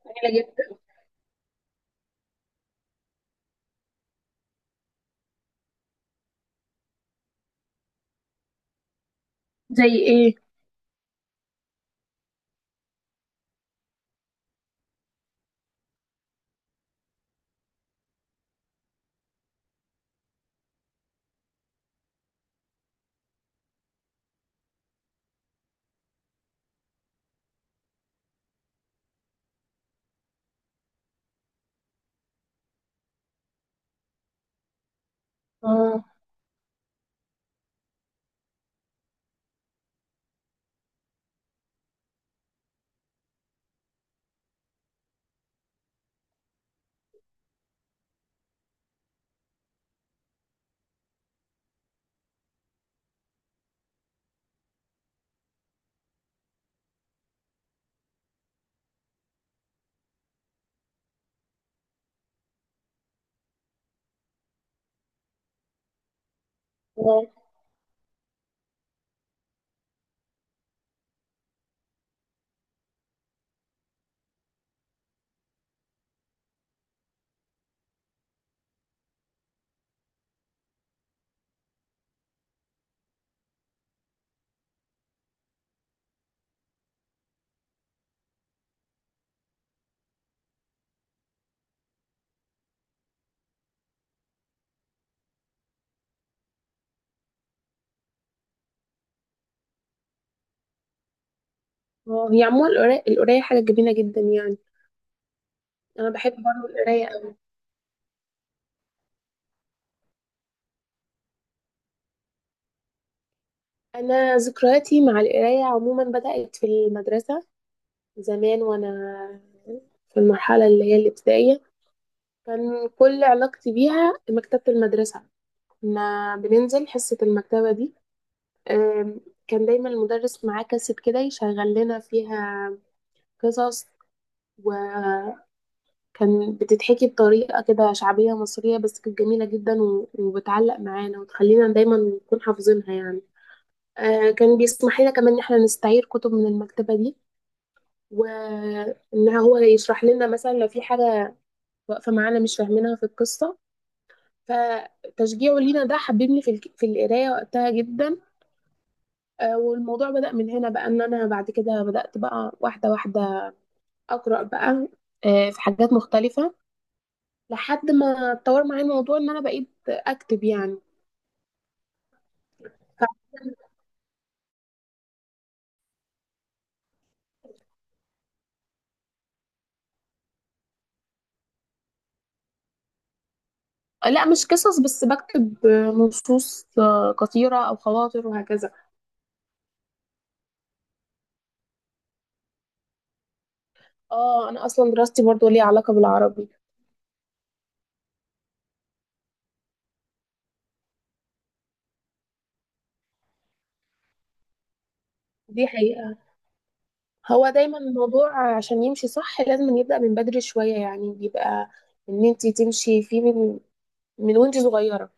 جميلة جدا. زي ايه؟ اه، اه، اه. هي عموما القراية القراية حاجة جميلة جدا يعني. انا بحب برضه القراية قوي. انا ذكرياتي مع القراية عموما بدأت في المدرسة زمان، وانا في المرحلة اللي هي الابتدائية كان كل علاقتي بيها مكتبة المدرسة. كنا بننزل حصة المكتبة دي. آم، كان دايما المدرس معاه كاسيت كده يشغل لنا فيها قصص، كان بتتحكي بطريقة كده شعبية مصرية بس كانت جميلة جدا وبتعلق معانا وتخلينا دايما نكون حافظينها يعني. آه، كان بيسمح لنا كمان ان احنا نستعير كتب من المكتبة دي، وان هو يشرح لنا مثلا لو في حاجة واقفة معانا مش فاهمينها في القصة. فتشجيعه لينا ده حببني في في القراية وقتها جدا. آه، والموضوع بدأ من هنا بقى، ان انا بعد كده بدأت بقى واحدة واحدة أقرأ بقى، آه، في حاجات مختلفة، لحد ما اتطور معايا الموضوع ان انا بقيت اكتب يعني. ف- لا، مش قصص بس، بكتب نصوص قصيرة او خواطر وهكذا. اه، انا اصلا دراستي برضو ليها علاقة بالعربي. دي حقيقة. هو دايما الموضوع عشان يمشي صح لازم يبدأ من بدري شوية، يعني بيبقى ان انتي تمشي فيه من وانتي صغيرة.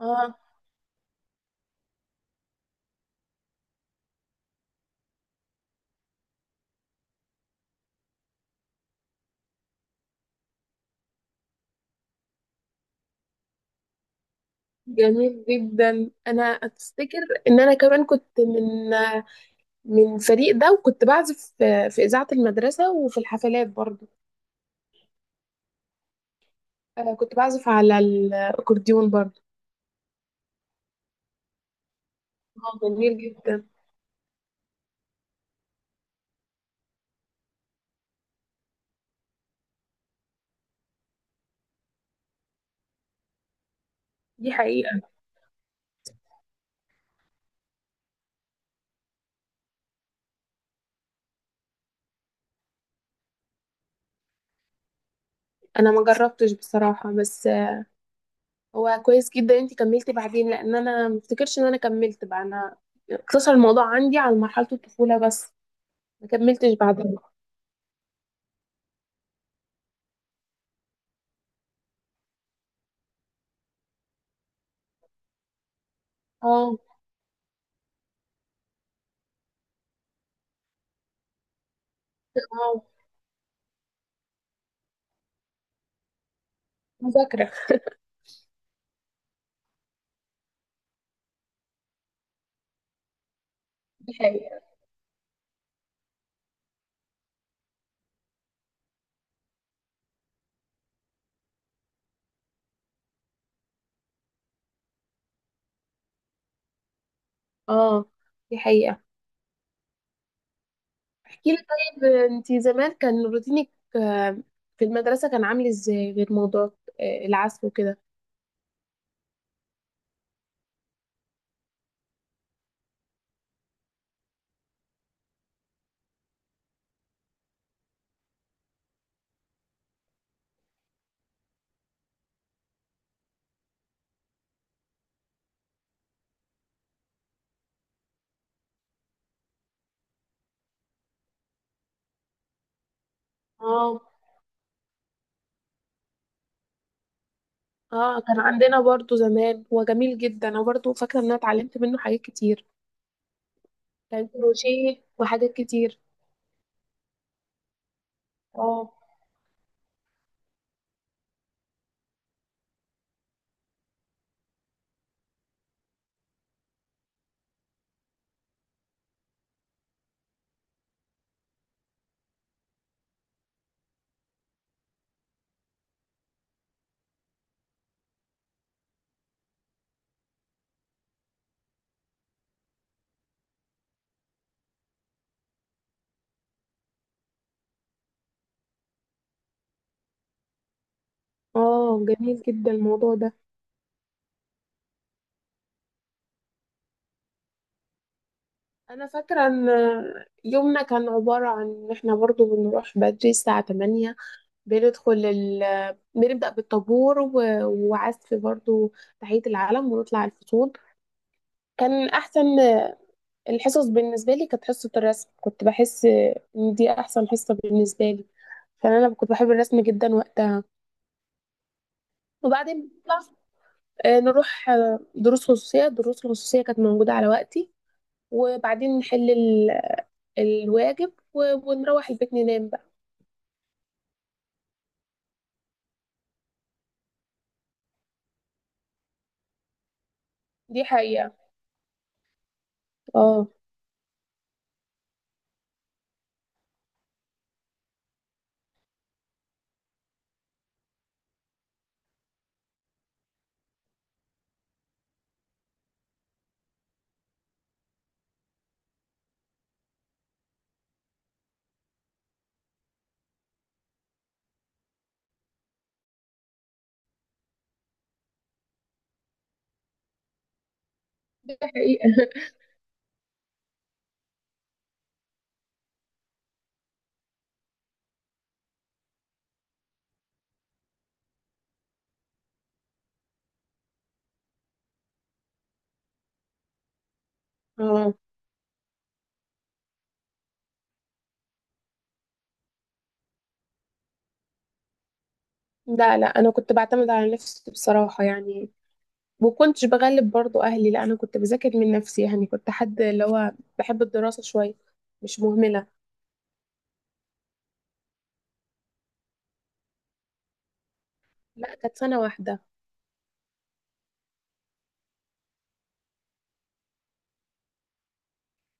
اه، جميل جدا. انا افتكر ان انا كمان كنت من الفريق ده، وكنت بعزف في اذاعه المدرسه وفي الحفلات برضه. كنت بعزف على الأكورديون برضه. اه، جميل جدا. دي حقيقة. أنا ما جربتش بصراحة، بس هو كويس جدا. أنتي كملتي بعدين، لأن أنا ما افتكرش إن أنا كملت بقى. أنا اقتصر الموضوع عندي على مرحلة الطفولة بس، ما كملتش بعدها. اه. اه. مذاكرة. دي حقيقة. اه، دي حقيقة. احكي لي طيب، أنتي زمان كان روتينك آه، في المدرسة كان عامل إزاي، غير موضوع العزف وكده؟ اه. اه، كان عندنا برضو زمان، هو جميل جدا. انا برضو فاكره ان انا اتعلمت منه حاجات كتير. كان كروشيه وحاجات كتير. اه. اه، جميل جدا الموضوع ده. انا فاكره ان يومنا كان عباره عن ان احنا برضو بنروح بدري الساعه 8، بنبدا بالطابور وعزف برضو، تحيه العلم، ونطلع الفصول. كان احسن الحصص بالنسبة لي كانت حصة الرسم. كنت بحس إن دي أحسن حصة بالنسبة لي، عشان أنا كنت بحب الرسم جدا وقتها. وبعدين بنطلع، آه، نروح دروس خصوصية. الدروس الخصوصية كانت موجودة على وقتي. وبعدين نحل الواجب ونروح البيت ننام بقى. دي حقيقة. اه، دي حقيقة. اه. لا، لا، أنا كنت بعتمد على نفسي بصراحة يعني. وكنتش بغلب برضو أهلي. لا، أنا كنت بذاكر من نفسي يعني. كنت حد اللي هو بحب الدراسة شوية، مش مهملة. لا، كانت سنة واحدة.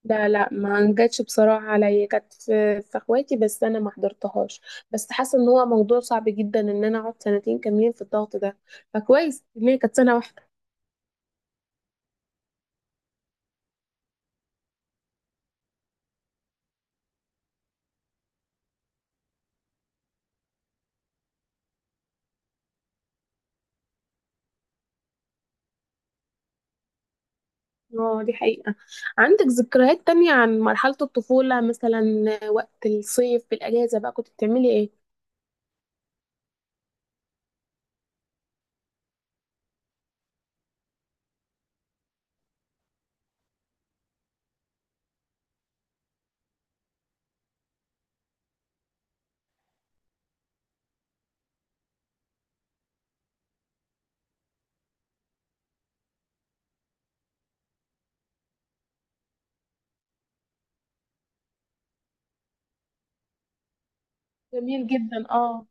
لا، لا، ما جاتش بصراحة عليا، كانت في اخواتي بس انا ما حضرتهاش. بس حاسة ان هو موضوع صعب جدا ان انا اقعد سنتين كاملين في الضغط ده. فكويس ان هي كانت سنة واحدة. اه، دي حقيقة. عندك ذكريات تانية عن مرحلة الطفولة مثلا؟ وقت الصيف في الأجازة بقى كنت بتعملي ايه؟ جميل جدا. اه.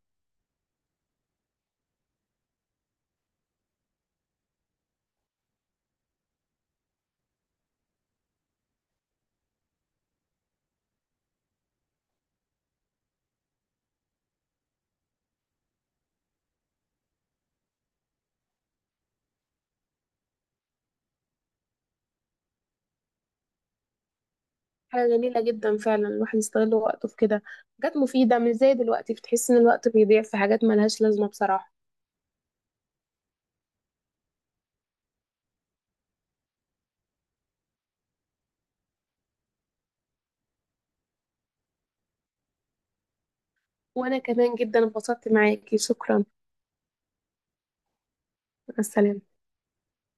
حاجة جميلة جدا فعلا، الواحد يستغل وقته في كده حاجات مفيدة. مش زي دلوقتي بتحس ان الوقت بيضيع في حاجات ملهاش لازمة بصراحة. وانا كمان جدا انبسطت معاكي. شكرا. مع السلامة.